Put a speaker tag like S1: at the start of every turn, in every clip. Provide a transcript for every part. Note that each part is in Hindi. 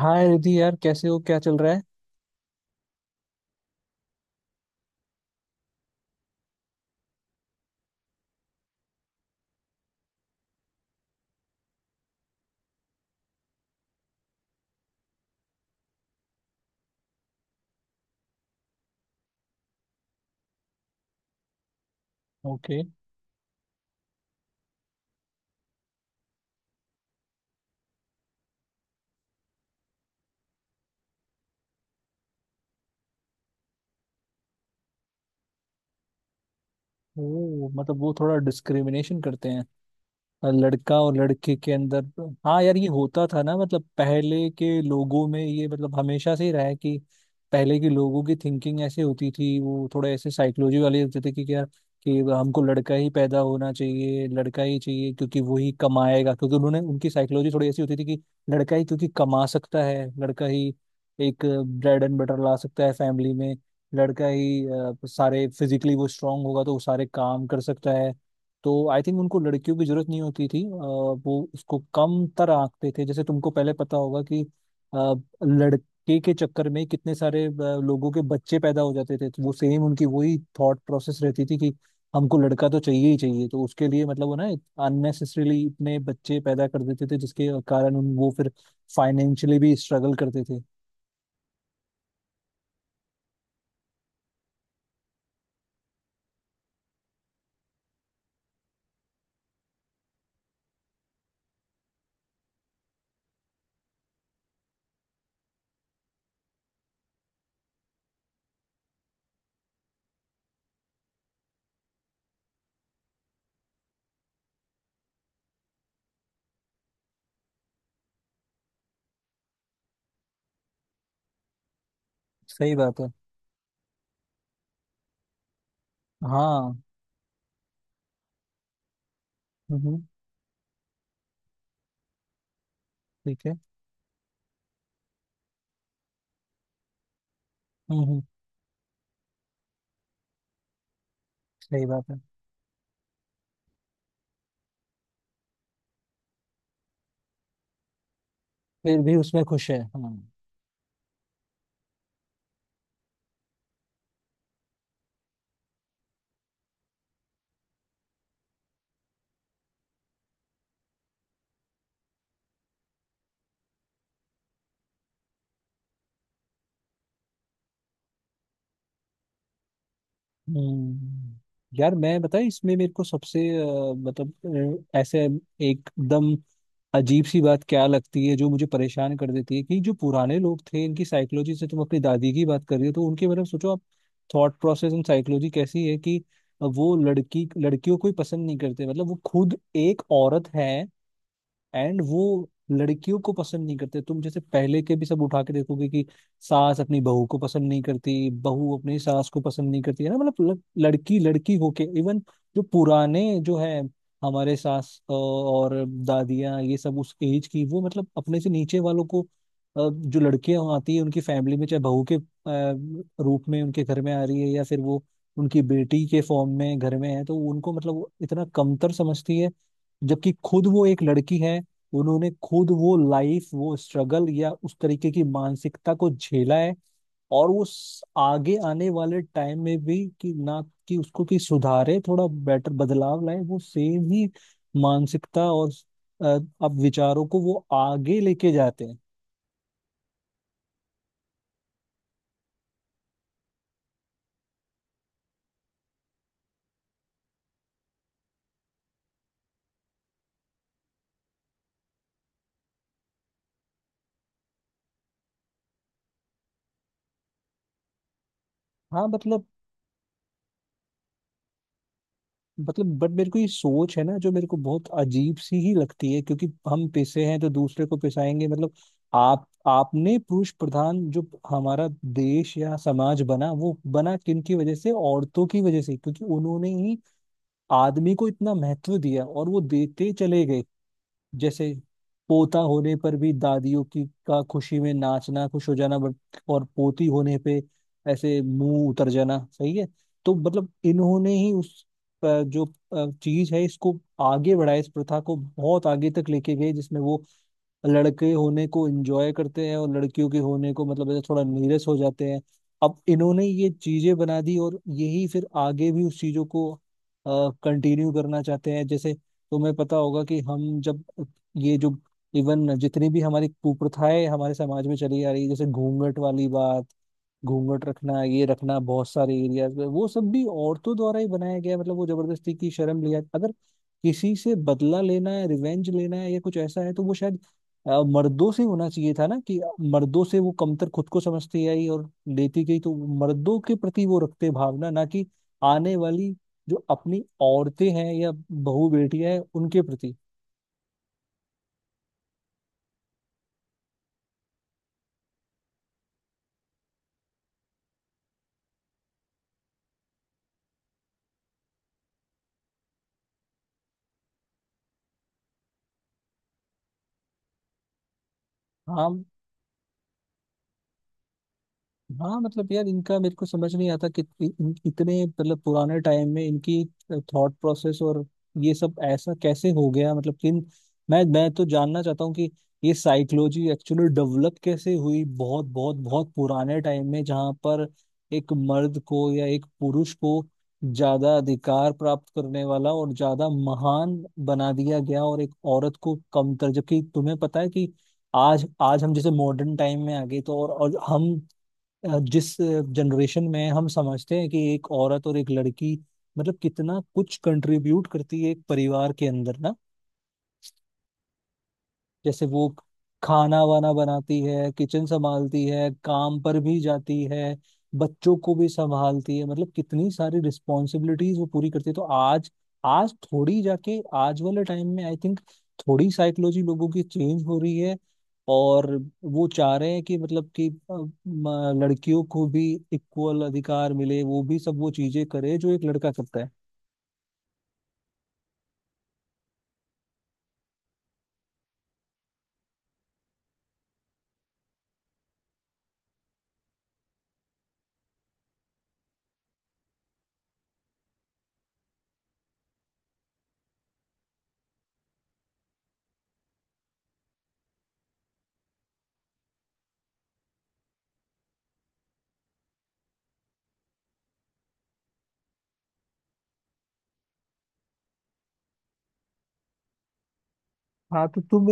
S1: हाय रिधि। यार, कैसे हो? क्या चल रहा है? ओके। ओ, मतलब वो थोड़ा डिस्क्रिमिनेशन करते हैं लड़का और लड़के के अंदर। हाँ यार, ये होता था ना। मतलब पहले के लोगों में ये, मतलब हमेशा से ही रहा है कि पहले के लोगों की थिंकिंग ऐसे होती थी। वो थोड़े ऐसे साइकोलॉजी वाले होते थे कि क्या, कि हमको लड़का ही पैदा होना चाहिए, लड़का ही चाहिए क्योंकि वो ही कमाएगा। क्योंकि उन्होंने उनकी साइकोलॉजी थोड़ी ऐसी होती थी कि लड़का ही क्योंकि कमा सकता है, लड़का ही एक ब्रेड एंड बटर ला सकता है फैमिली में। लड़का ही सारे फिजिकली वो स्ट्रांग होगा, तो वो सारे काम कर सकता है। तो आई थिंक उनको लड़कियों की जरूरत नहीं होती थी। वो उसको कम तर आंकते थे। जैसे तुमको पहले पता होगा कि अ, लड़के के चक्कर में कितने सारे लोगों के बच्चे पैदा हो जाते थे। तो वो सेम उनकी वही थॉट प्रोसेस रहती थी कि हमको लड़का तो चाहिए ही चाहिए। तो उसके लिए मतलब वो ना अननेसेसरीली इतने बच्चे पैदा कर देते थे, जिसके कारण उन वो फिर फाइनेंशियली भी स्ट्रगल करते थे। सही बात है। हाँ। हम्म हम्म, ठीक है। हम्म हम्म, सही बात है। फिर भी उसमें खुश है हाँ। हम्म, यार, मैं बताया इसमें मेरे को सबसे मतलब ऐसे एकदम अजीब सी बात क्या लगती है जो मुझे परेशान कर देती है, कि जो पुराने लोग थे इनकी साइकोलॉजी से, तुम अपनी दादी की बात कर रही हो तो उनके मतलब सोचो आप, थॉट प्रोसेस एंड साइकोलॉजी कैसी है, कि वो लड़की लड़कियों को ही पसंद नहीं करते। मतलब वो खुद एक औरत है एंड वो लड़कियों को पसंद नहीं करते। तुम जैसे पहले के भी सब उठा के देखोगे कि सास अपनी बहू को पसंद नहीं करती, बहू अपनी सास को पसंद नहीं करती है ना। मतलब लड़की लड़की होके इवन जो पुराने जो है हमारे सास और दादियाँ, ये सब उस एज की, वो मतलब अपने से नीचे वालों को, जो लड़कियां आती है उनकी फैमिली में, चाहे बहू के रूप में उनके घर में आ रही है या फिर वो उनकी बेटी के फॉर्म में घर में है, तो उनको मतलब वो इतना कमतर समझती है, जबकि खुद वो एक लड़की है। उन्होंने खुद वो लाइफ, वो स्ट्रगल या उस तरीके की मानसिकता को झेला है। और वो आगे आने वाले टाइम में भी कि ना, कि उसको कि सुधारे, थोड़ा बेटर बदलाव लाए, वो सेम ही मानसिकता और अ, अब विचारों को वो आगे लेके जाते हैं। हाँ मतलब। मतलब बट मेरे को ये सोच है ना जो मेरे को बहुत अजीब सी ही लगती है, क्योंकि हम पिसे हैं तो दूसरे को पिसाएंगे, मतलब आप आपने पुरुष प्रधान जो हमारा देश या समाज बना, वो बना किन की वजह से? औरतों की वजह से, क्योंकि उन्होंने ही आदमी को इतना महत्व दिया और वो देते चले गए। जैसे पोता होने पर भी दादियों की का खुशी में नाचना, खुश हो जाना, बट और पोती होने पे ऐसे मुंह उतर जाना, सही है? तो मतलब इन्होंने ही उस जो चीज है इसको आगे बढ़ाया, इस प्रथा को बहुत आगे तक लेके गए, जिसमें वो लड़के होने को एंजॉय करते हैं और लड़कियों के होने को मतलब ऐसे थोड़ा नीरस हो जाते हैं। अब इन्होंने ये चीजें बना दी और यही फिर आगे भी उस चीजों को कंटिन्यू करना चाहते हैं। जैसे तुम्हें पता होगा कि हम जब ये जो इवन जितनी भी हमारी कुप्रथाएं हमारे समाज में चली आ रही है, जैसे घूंघट वाली बात, घूंघट रखना, ये रखना, बहुत सारे एरियाज में वो सब भी औरतों द्वारा ही बनाया गया है। मतलब वो जबरदस्ती की शर्म लिया। अगर किसी से बदला लेना है, रिवेंज लेना है या कुछ ऐसा है, तो वो शायद मर्दों से होना चाहिए था ना, कि मर्दों से वो कमतर खुद को समझती आई और लेती गई, तो मर्दों के प्रति वो रखते भावना, ना कि आने वाली जो अपनी औरतें हैं या बहू बेटियां हैं उनके प्रति। हाँ। हाँ मतलब यार, इनका मेरे को समझ नहीं आता कि इतने मतलब पुराने टाइम में इनकी थॉट प्रोसेस और ये सब ऐसा कैसे हो गया, मतलब मैं तो जानना चाहता हूँ कि ये साइकोलॉजी एक्चुअली डेवलप कैसे हुई बहुत बहुत बहुत पुराने टाइम में, जहाँ पर एक मर्द को या एक पुरुष को ज्यादा अधिकार प्राप्त करने वाला और ज्यादा महान बना दिया गया और एक औरत को कमतर। जबकि तुम्हें पता है कि आज, आज हम जैसे मॉडर्न टाइम में आ गए, तो और हम जिस जनरेशन में हम समझते हैं कि एक औरत और एक लड़की मतलब कितना कुछ कंट्रीब्यूट करती है एक परिवार के अंदर ना। जैसे वो खाना वाना बनाती है, किचन संभालती है, काम पर भी जाती है, बच्चों को भी संभालती है, मतलब कितनी सारी रिस्पॉन्सिबिलिटीज वो पूरी करती है। तो आज, आज थोड़ी जाके आज वाले टाइम में आई थिंक थोड़ी साइकोलॉजी लोगों की चेंज हो रही है, और वो चाह रहे हैं कि मतलब कि लड़कियों को भी इक्वल अधिकार मिले, वो भी सब वो चीजें करे जो एक लड़का करता है। हाँ तो तुम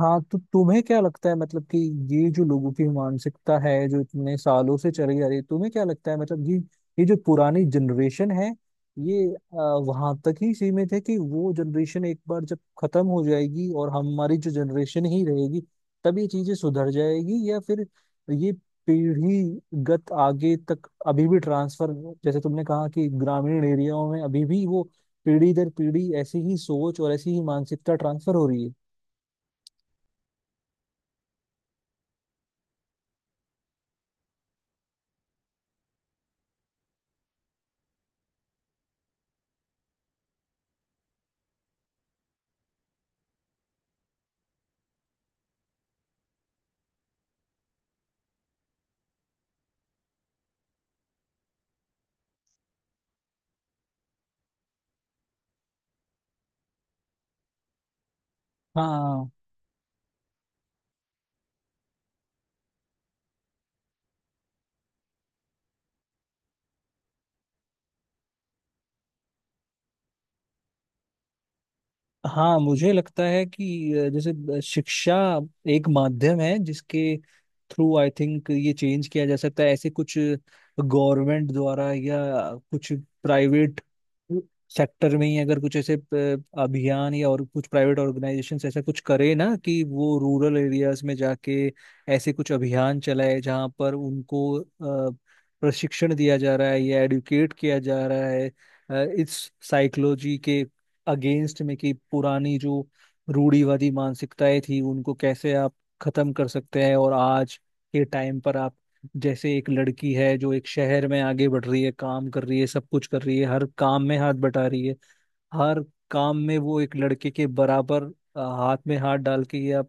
S1: हाँ तो तुम्हें क्या लगता है, मतलब कि ये जो लोगों की मानसिकता है जो इतने सालों से चली आ रही है, तुम्हें क्या लगता है मतलब ये जो पुरानी जनरेशन है, ये वहां तक ही सीमित है, कि वो जनरेशन एक बार जब खत्म हो जाएगी और हमारी जो जनरेशन ही रहेगी तब ये चीजें सुधर जाएगी, या फिर ये पीढ़ीगत आगे तक अभी भी ट्रांसफर, जैसे तुमने कहा कि ग्रामीण एरियाओं में अभी भी वो पीढ़ी दर पीढ़ी ऐसी ही सोच और ऐसी ही मानसिकता ट्रांसफर हो रही है। हाँ। हाँ मुझे लगता है कि जैसे शिक्षा एक माध्यम है जिसके थ्रू आई थिंक ये चेंज किया जा सकता है। ऐसे कुछ गवर्नमेंट द्वारा या कुछ प्राइवेट सेक्टर में ही, अगर कुछ ऐसे अभियान या और कुछ प्राइवेट ऑर्गेनाइजेशन ऐसा कुछ करे ना, कि वो रूरल एरियाज में जाके ऐसे कुछ अभियान चलाए जहाँ पर उनको प्रशिक्षण दिया जा रहा है या एडुकेट किया जा रहा है इस साइकोलॉजी के अगेंस्ट में, कि पुरानी जो रूढ़िवादी मानसिकताएं थी, उनको कैसे आप खत्म कर सकते हैं, और आज के टाइम पर आप, जैसे एक लड़की है जो एक शहर में आगे बढ़ रही है, काम कर रही है, सब कुछ कर रही है, हर काम में हाथ बटा रही है, हर काम में वो एक लड़के के बराबर हाथ में हाथ डाल के या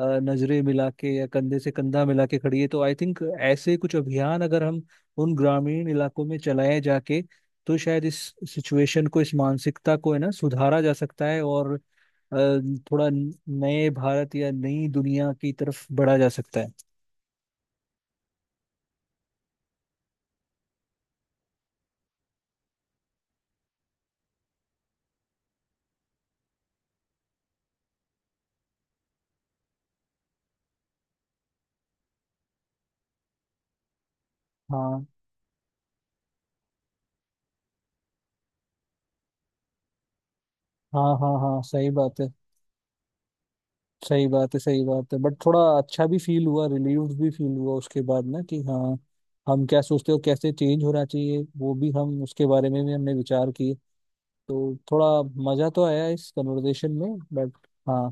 S1: नजरें मिला के या कंधे से कंधा मिला के खड़ी है, तो आई थिंक ऐसे कुछ अभियान अगर हम उन ग्रामीण इलाकों में चलाए जाके, तो शायद इस सिचुएशन को, इस मानसिकता को है ना, सुधारा जा सकता है, और थोड़ा नए भारत या नई दुनिया की तरफ बढ़ा जा सकता है। हाँ। हाँ हाँ हाँ, सही बात है। सही बात है, सही बात है, बट थोड़ा अच्छा भी फील हुआ, रिलीव्ड भी फील हुआ उसके बाद, ना कि हाँ, हम क्या सोचते हो, कैसे चेंज होना चाहिए, वो भी हम उसके बारे में भी हमने विचार किए। तो थोड़ा मजा तो आया इस कन्वर्सेशन में, बट हाँ,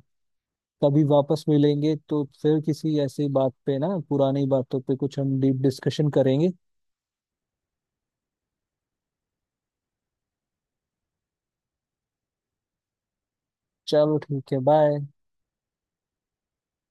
S1: कभी वापस मिलेंगे तो फिर किसी ऐसी बात पे ना, पुरानी बातों पे कुछ हम डीप डिस्कशन करेंगे। चलो ठीक है, बाय।